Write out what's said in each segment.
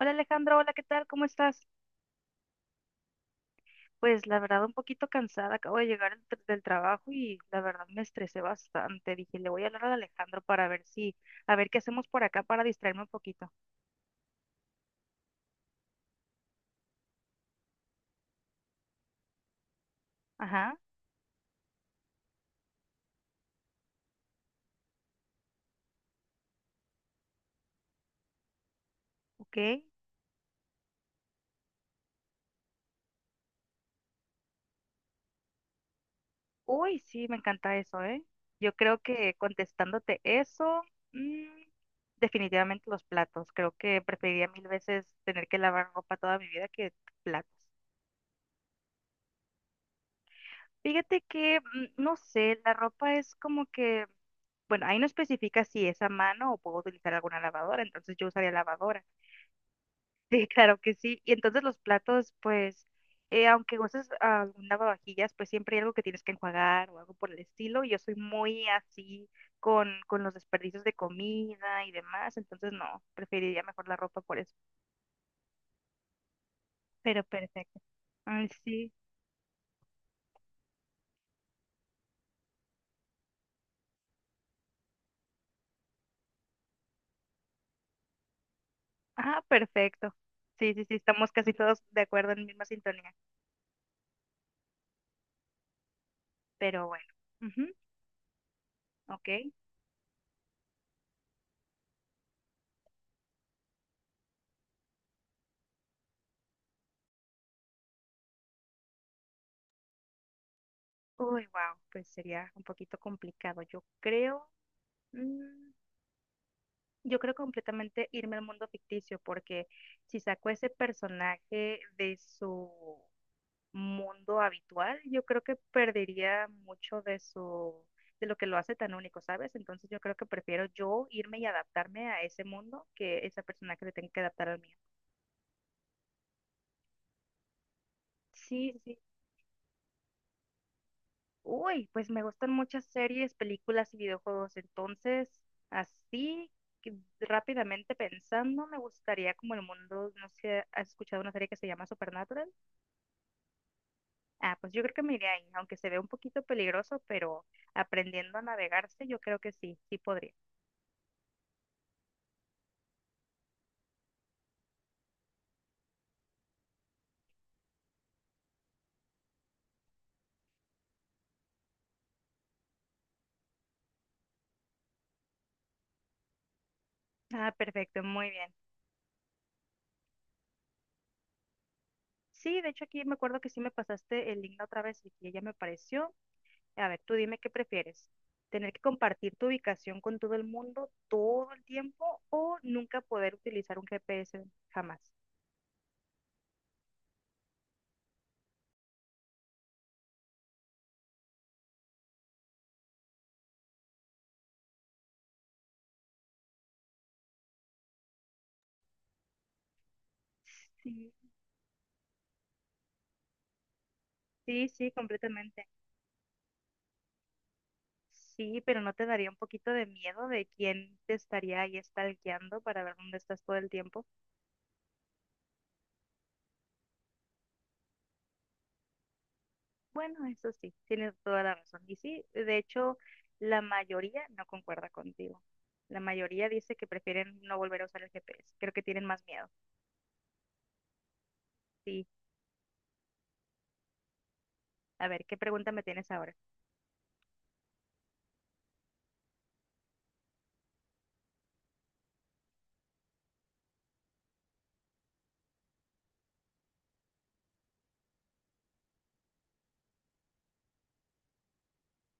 Hola Alejandro, hola, ¿qué tal? ¿Cómo estás? Pues la verdad un poquito cansada, acabo de llegar del trabajo y la verdad me estresé bastante. Dije, le voy a hablar a Alejandro para ver si, a ver qué hacemos por acá para distraerme un poquito. Ajá, ok. Uy, sí, me encanta eso, ¿eh? Yo creo que contestándote eso, mm, definitivamente los platos. Creo que preferiría mil veces tener que lavar ropa toda mi vida que platos. Fíjate que, no sé, la ropa es como que, bueno, ahí no especifica si es a mano o puedo utilizar alguna lavadora, entonces yo usaría lavadora. Sí, claro que sí. Y entonces los platos, pues, aunque uses algún lavavajillas, pues siempre hay algo que tienes que enjuagar o algo por el estilo, y yo soy muy así con los desperdicios de comida y demás, entonces no, preferiría mejor la ropa por eso. Pero perfecto. Ay, sí. Ah, perfecto. Sí, sí, sí, estamos casi todos de acuerdo en misma sintonía. Pero bueno, ujú, ok. Uy, wow, pues sería un poquito complicado. Mm, yo creo completamente irme al mundo ficticio, porque si saco ese personaje de su mundo habitual, yo creo que perdería mucho de su, de lo que lo hace tan único, ¿sabes? Entonces yo creo que prefiero yo irme y adaptarme a ese mundo que ese personaje se tenga que adaptar al mío. Sí, sí, sí. Uy, pues me gustan muchas series, películas y videojuegos. Entonces, así que rápidamente pensando, me gustaría como el mundo, no sé, ¿has escuchado una serie que se llama Supernatural? Ah, pues yo creo que me iría ahí, aunque se ve un poquito peligroso, pero aprendiendo a navegarse, yo creo que sí, sí podría. Ah, perfecto, muy bien. Sí, de hecho aquí me acuerdo que sí me pasaste el link la otra vez y que ya me pareció. A ver, tú dime qué prefieres, tener que compartir tu ubicación con todo el mundo todo el tiempo o nunca poder utilizar un GPS jamás. Sí. Sí, sí, completamente. Sí, pero ¿no te daría un poquito de miedo de quién te estaría ahí stalkeando para ver dónde estás todo el tiempo? Bueno, eso sí, tienes toda la razón. Y sí, de hecho, la mayoría no concuerda contigo. La mayoría dice que prefieren no volver a usar el GPS. Creo que tienen más miedo. Sí, a ver, ¿qué pregunta me tienes ahora?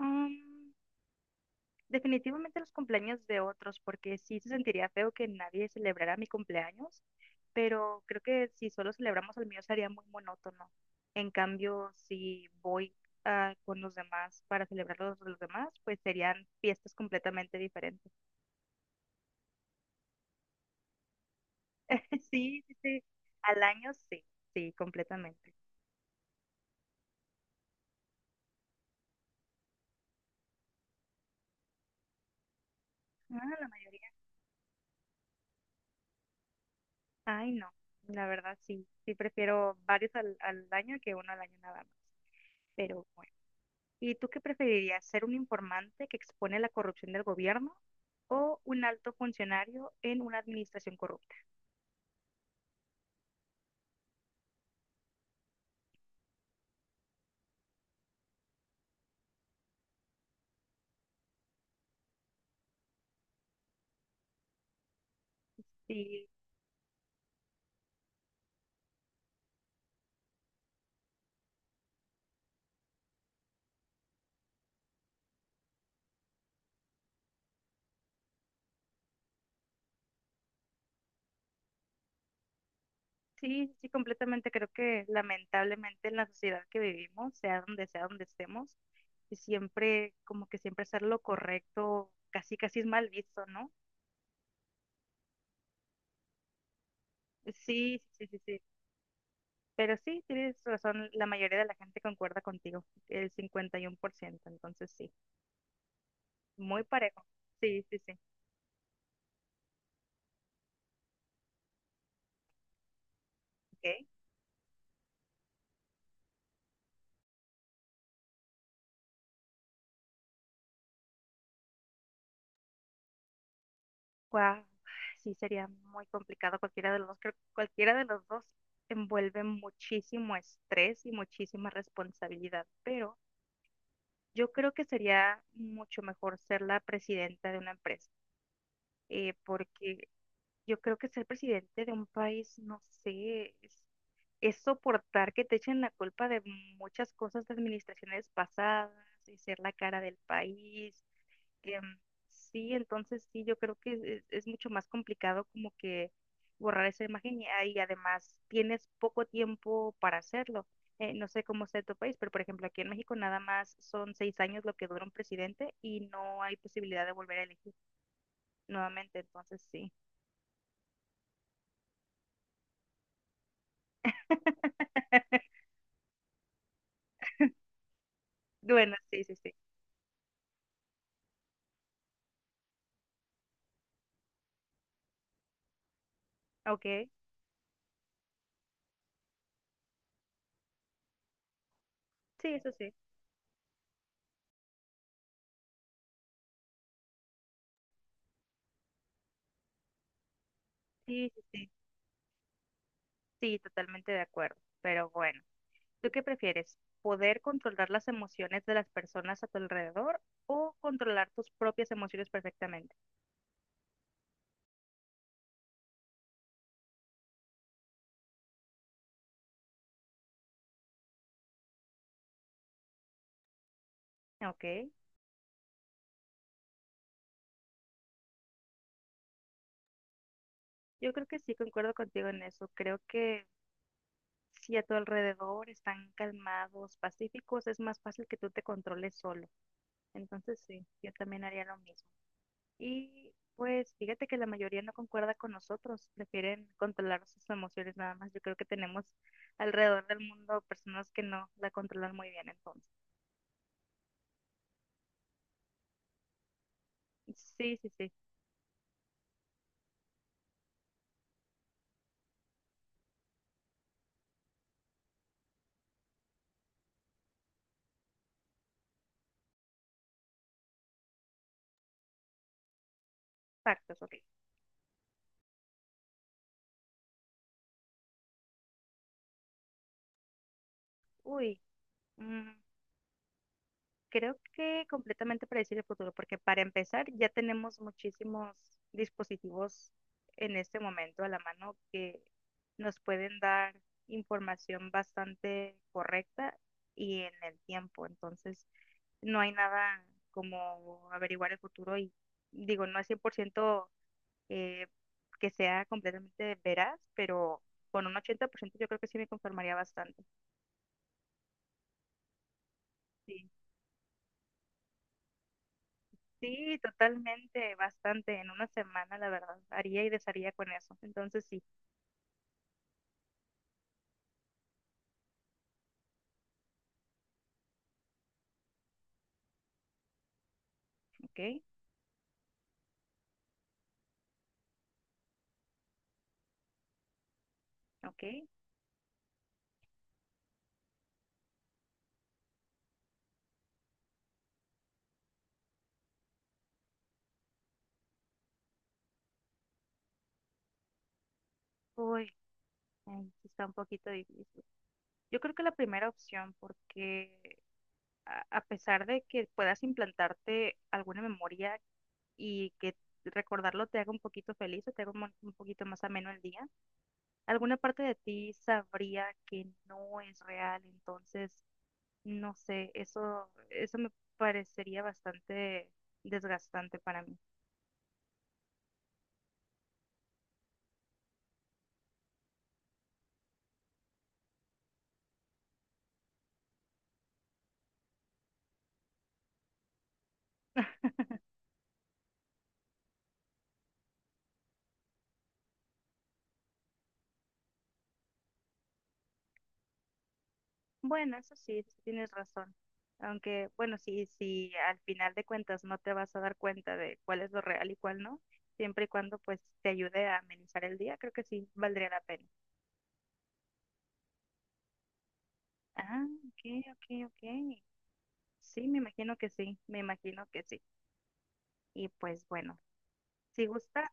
Mm, Definitivamente los cumpleaños de otros, porque sí se sentiría feo que nadie celebrara mi cumpleaños, pero creo que si solo celebramos el mío sería muy monótono. En cambio, si voy con los demás para celebrar los de los demás, pues serían fiestas completamente diferentes. Sí, sí, sí. Al año sí, sí, completamente. Ah, la mayoría. Ay, no. La verdad sí, sí prefiero varios al año que uno al año nada más. Pero bueno. ¿Y tú qué preferirías, ser un informante que expone la corrupción del gobierno o un alto funcionario en una administración corrupta? Sí, sí, sí, completamente. Creo que lamentablemente en la sociedad que vivimos, sea donde estemos, y siempre, como que siempre hacer lo correcto, casi casi es mal visto, ¿no? Sí, sí, sí, sí. Pero sí, tienes razón, la mayoría de la gente concuerda contigo, el 51%. Entonces sí, muy parejo. Sí, sí, sí. Ok. Wow, sí sería muy complicado cualquiera de los dos. Creo que cualquiera de los dos envuelve muchísimo estrés y muchísima responsabilidad, pero yo creo que sería mucho mejor ser la presidenta de una empresa, porque yo creo que ser presidente de un país, no sé, es soportar que te echen la culpa de muchas cosas de administraciones pasadas y ser la cara del país. Em, sí, entonces sí, yo creo que es mucho más complicado como que borrar esa imagen y además tienes poco tiempo para hacerlo. No sé cómo sea en tu país, pero por ejemplo aquí en México nada más son 6 años lo que dura un presidente y no hay posibilidad de volver a elegir nuevamente, entonces sí. Bueno, sí, sí, sí. Ok. Sí, eso sí. Sí, sí, sí. Sí, totalmente de acuerdo. Pero bueno. ¿Tú qué prefieres? ¿Poder controlar las emociones de las personas a tu alrededor o controlar tus propias emociones perfectamente? Ok, yo creo que sí, concuerdo contigo en eso. Creo que si a tu alrededor están calmados, pacíficos, es más fácil que tú te controles solo. Entonces sí, yo también haría lo mismo. Y pues fíjate que la mayoría no concuerda con nosotros, prefieren controlar sus emociones nada más. Yo creo que tenemos alrededor del mundo personas que no la controlan muy bien entonces. Sí, sí, sí. Factos, ok. Uy, mm, creo que completamente predecir el futuro, porque para empezar ya tenemos muchísimos dispositivos en este momento a la mano que nos pueden dar información bastante correcta y en el tiempo. Entonces, no hay nada como averiguar el futuro y digo, no es 100% eh, que sea completamente veraz, pero con un 80% yo creo que sí me conformaría bastante. Sí, totalmente, bastante. En una semana, la verdad, haría y desharía con eso. Entonces, sí, ok, ok. Uy, ay, sí está un poquito difícil. Yo creo que la primera opción, porque a pesar de que puedas implantarte alguna memoria y que recordarlo te haga un poquito feliz o te haga un poquito más ameno el día, alguna parte de ti sabría que no es real. Entonces, no sé, eso me parecería bastante desgastante para mí. Bueno, eso sí, sí tienes razón. Aunque, bueno, sí, sí, al final de cuentas no te vas a dar cuenta de cuál es lo real y cuál no, siempre y cuando pues te ayude a amenizar el día, creo que sí valdría la pena. Ah, ok, ok, ok. Sí, me imagino que sí, me imagino que sí. Y pues bueno, si gusta,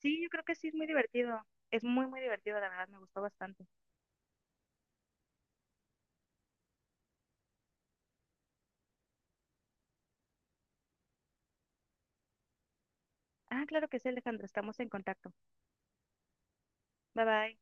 sí, yo creo que sí es muy divertido. Es muy, muy divertido, la verdad, me gustó bastante. Ah, claro que sí, Alejandro, estamos en contacto. Bye bye.